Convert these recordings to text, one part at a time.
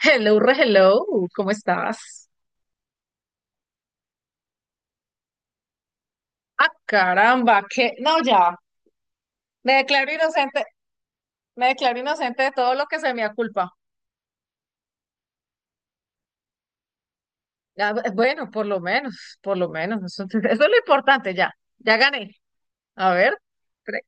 Hello, re hello, ¿cómo estás? Ah, caramba, que no, ya, me declaro inocente, me declaro inocente de todo lo que se me aculpa. Ya, bueno, por lo menos, eso, eso es lo importante, ya, ya gané. A ver, pre-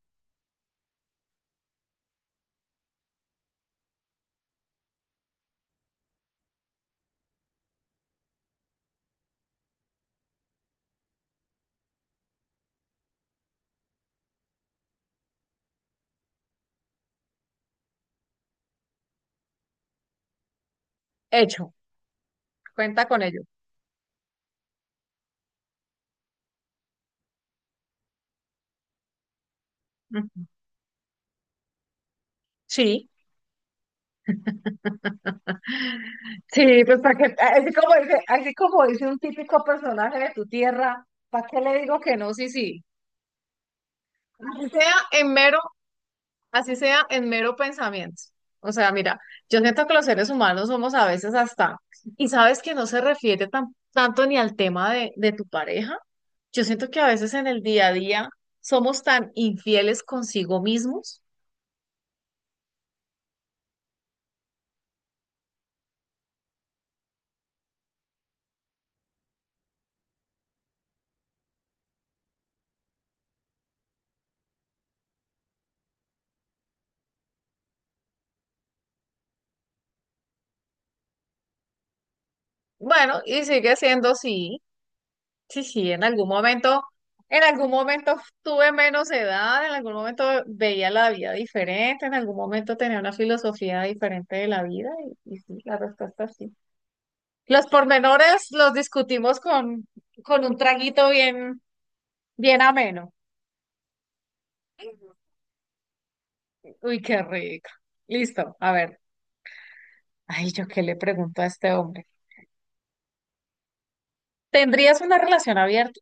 hecho, cuenta con ello. Ujú. Sí, sí, pues para que, así como dice un típico personaje de tu tierra, ¿para qué le digo que no? Sí, sí. Así sea en mero Así sea en mero pensamiento. O sea, mira, yo siento que los seres humanos somos a veces hasta, y sabes que no se refiere tanto ni al tema de tu pareja. Yo siento que a veces en el día a día somos tan infieles consigo mismos. Bueno, y sigue siendo sí, sí, sí, en algún momento tuve menos edad, en algún momento veía la vida diferente, en algún momento tenía una filosofía diferente de la vida, y sí, la respuesta es sí. Los pormenores los discutimos con un traguito bien, bien ameno. Uy, qué rico. Listo, a ver. Ay, yo qué le pregunto a este hombre. ¿Tendrías una relación abierta?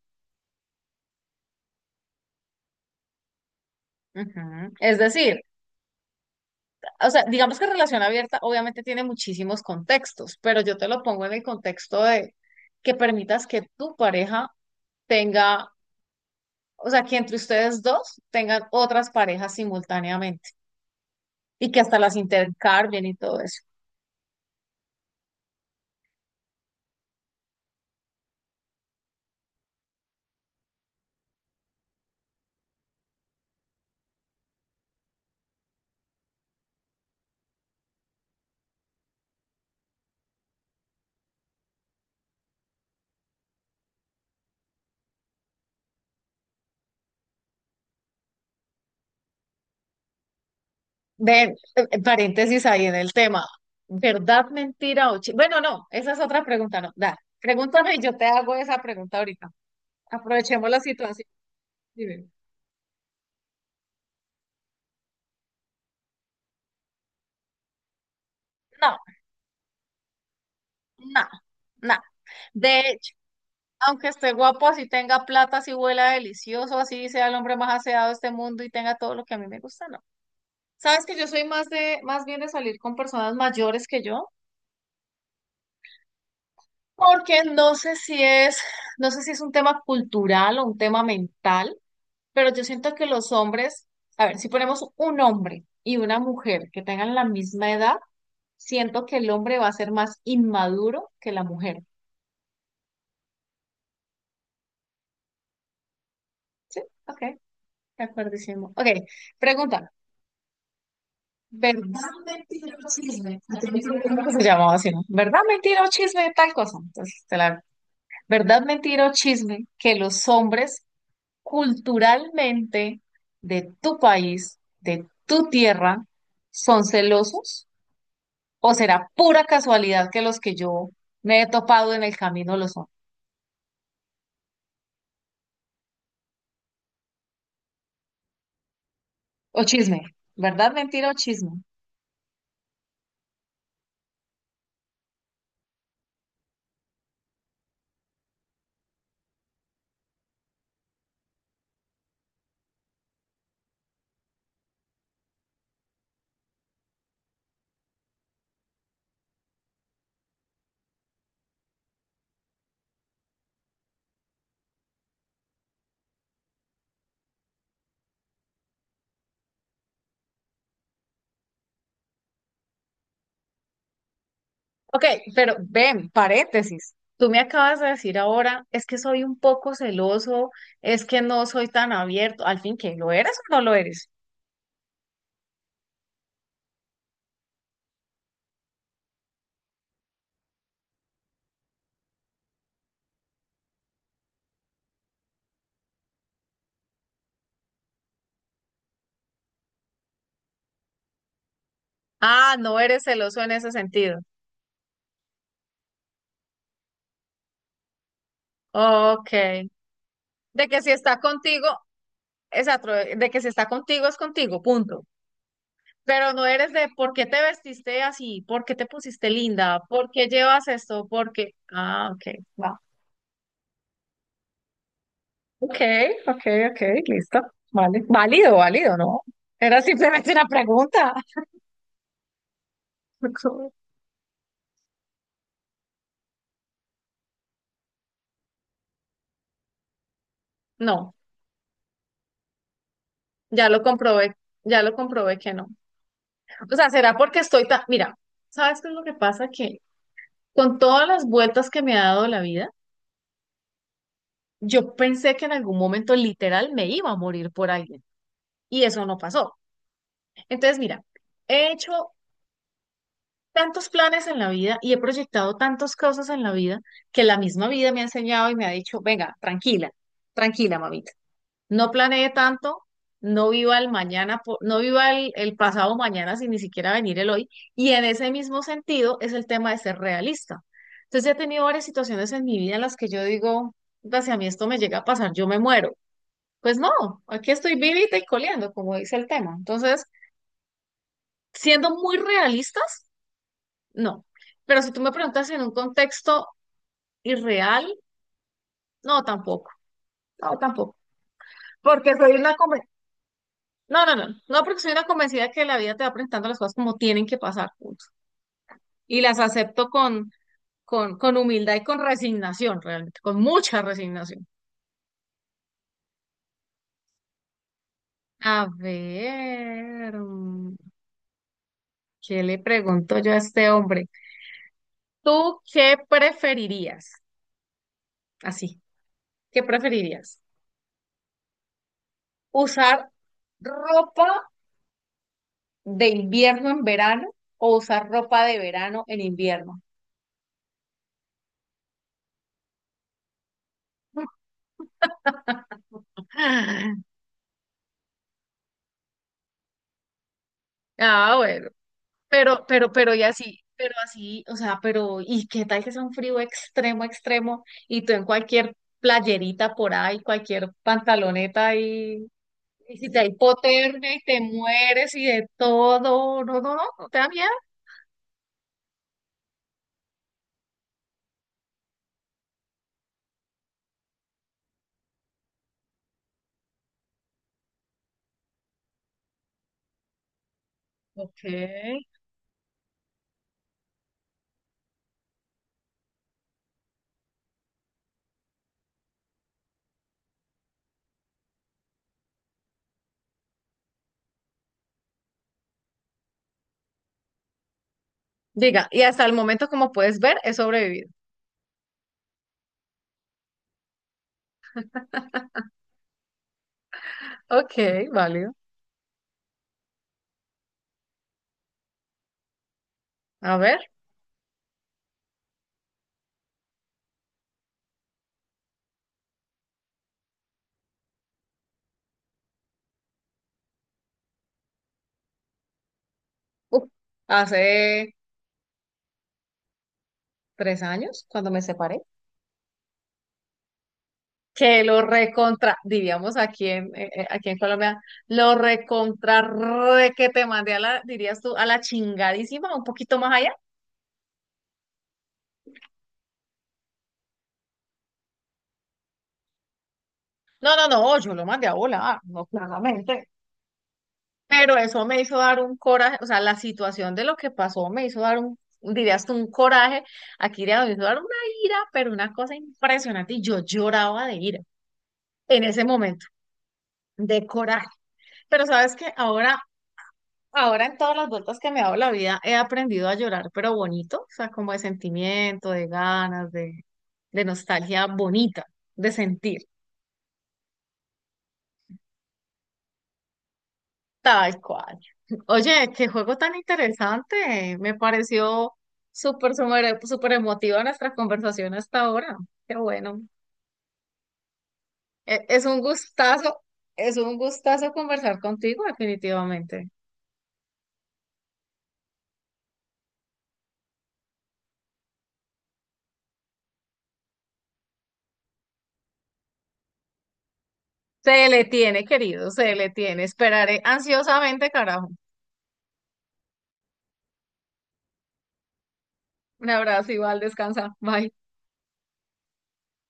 Ujú. Es decir, o sea, digamos que relación abierta obviamente tiene muchísimos contextos, pero yo te lo pongo en el contexto de que permitas que tu pareja tenga, o sea, que entre ustedes dos tengan otras parejas simultáneamente y que hasta las intercambien y todo eso. Ven, paréntesis ahí en el tema. ¿Verdad, mentira o chi- Bueno, no, esa es otra pregunta, no. Da, pregúntame y yo te hago esa pregunta ahorita. Aprovechemos la situación. Dime. No, no, no. De hecho, aunque esté guapo, así tenga plata, así huela delicioso, así sea el hombre más aseado de este mundo y tenga todo lo que a mí me gusta, no. Sabes que yo soy más de, más bien de salir con personas mayores que yo, porque no sé si es, no sé si es un tema cultural o un tema mental. Pero yo siento que los hombres, a ver, si ponemos un hombre y una mujer que tengan la misma edad, siento que el hombre va a ser más inmaduro que la mujer. Sí, ok, de acuerdísimo. Ok, pregunta. ¿Verdad, mentira o chisme? Ah, yo no sé, ¿cómo se llamaba así, no? ¿Verdad, mentira o chisme? Tal cosa. Entonces, te la... ¿Verdad, mentira o chisme? Que los hombres culturalmente de tu país, de tu tierra, son celosos. ¿O será pura casualidad que los que yo me he topado en el camino lo son? O chisme, ¿verdad, mentira o chisme? Ok, pero ven, paréntesis. Tú me acabas de decir ahora, es que soy un poco celoso, es que no soy tan abierto. Al fin, ¿qué? ¿Lo eres o no lo eres? Ah, no eres celoso en ese sentido. Ok. De que si está contigo, exacto, de que si está contigo es contigo, punto. Pero no eres de por qué te vestiste así, por qué te pusiste linda, por qué llevas esto, por qué. Ah, ok, va. Ok, ok, ok, listo. Vale. Válido, válido, ¿no? Era simplemente una pregunta. No, ya lo comprobé, ya lo comprobé que no. O sea, será porque estoy tan. Mira, ¿sabes qué es lo que pasa? Que con todas las vueltas que me ha dado la vida, yo pensé que en algún momento literal me iba a morir por alguien. Y eso no pasó. Entonces, mira, he hecho tantos planes en la vida y he proyectado tantas cosas en la vida que la misma vida me ha enseñado y me ha dicho, venga, tranquila, tranquila, mamita. No planee tanto, no viva el mañana, no viva el pasado mañana sin ni siquiera venir el hoy. Y en ese mismo sentido es el tema de ser realista. Entonces he tenido varias situaciones en mi vida en las que yo digo, "Puta, si a mí esto me llega a pasar, yo me muero." Pues no, aquí estoy vivita y coleando, como dice el tema. Entonces, siendo muy realistas, no. Pero si tú me preguntas en un contexto irreal, no, tampoco. No, tampoco. Porque soy una conven- No, no, no. No, porque soy una convencida que la vida te va presentando las cosas como tienen que pasar. Punto. Y las acepto con humildad y con resignación, realmente, con mucha resignación. A ver, ¿qué le pregunto yo a este hombre? ¿Tú qué preferirías? Así, ¿qué preferirías? ¿Usar ropa de invierno en verano o usar ropa de verano en invierno? Ah, ah, bueno, pero y así, pero así, o sea, pero, ¿y qué tal que sea un frío extremo, extremo? Y tú en cualquier playerita por ahí, cualquier pantaloneta y si te da hipotermia y te mueres y de todo, no, no, no, no te da miedo. Ok. Diga, y hasta el momento, como puedes ver, he sobrevivido. Ok, válido. A ver, uf, hace 3 años cuando me separé, que lo recontra, diríamos aquí en, aquí en Colombia, lo recontra re que te mandé a la, dirías tú, a la chingadísima, un poquito más allá. No, no, no, yo lo mandé a volar, no, claramente. Pero eso me hizo dar un coraje, o sea, la situación de lo que pasó me hizo dar un, dirías tú, un coraje, aquí diríamos, me hizo dar una ira, pero una cosa impresionante, y yo lloraba de ira en ese momento de coraje. Pero sabes que ahora ahora en todas las vueltas que me he dado la vida he aprendido a llorar, pero bonito, o sea, como de sentimiento, de ganas, de nostalgia bonita, de sentir, tal cual. Oye, qué juego tan interesante, me pareció súper, súper, súper emotiva nuestra conversación hasta ahora. Qué bueno. E- Es un gustazo, es un gustazo conversar contigo, definitivamente. Se le tiene, querido, se le tiene. Esperaré ansiosamente, carajo. Un abrazo igual, descansa. Bye.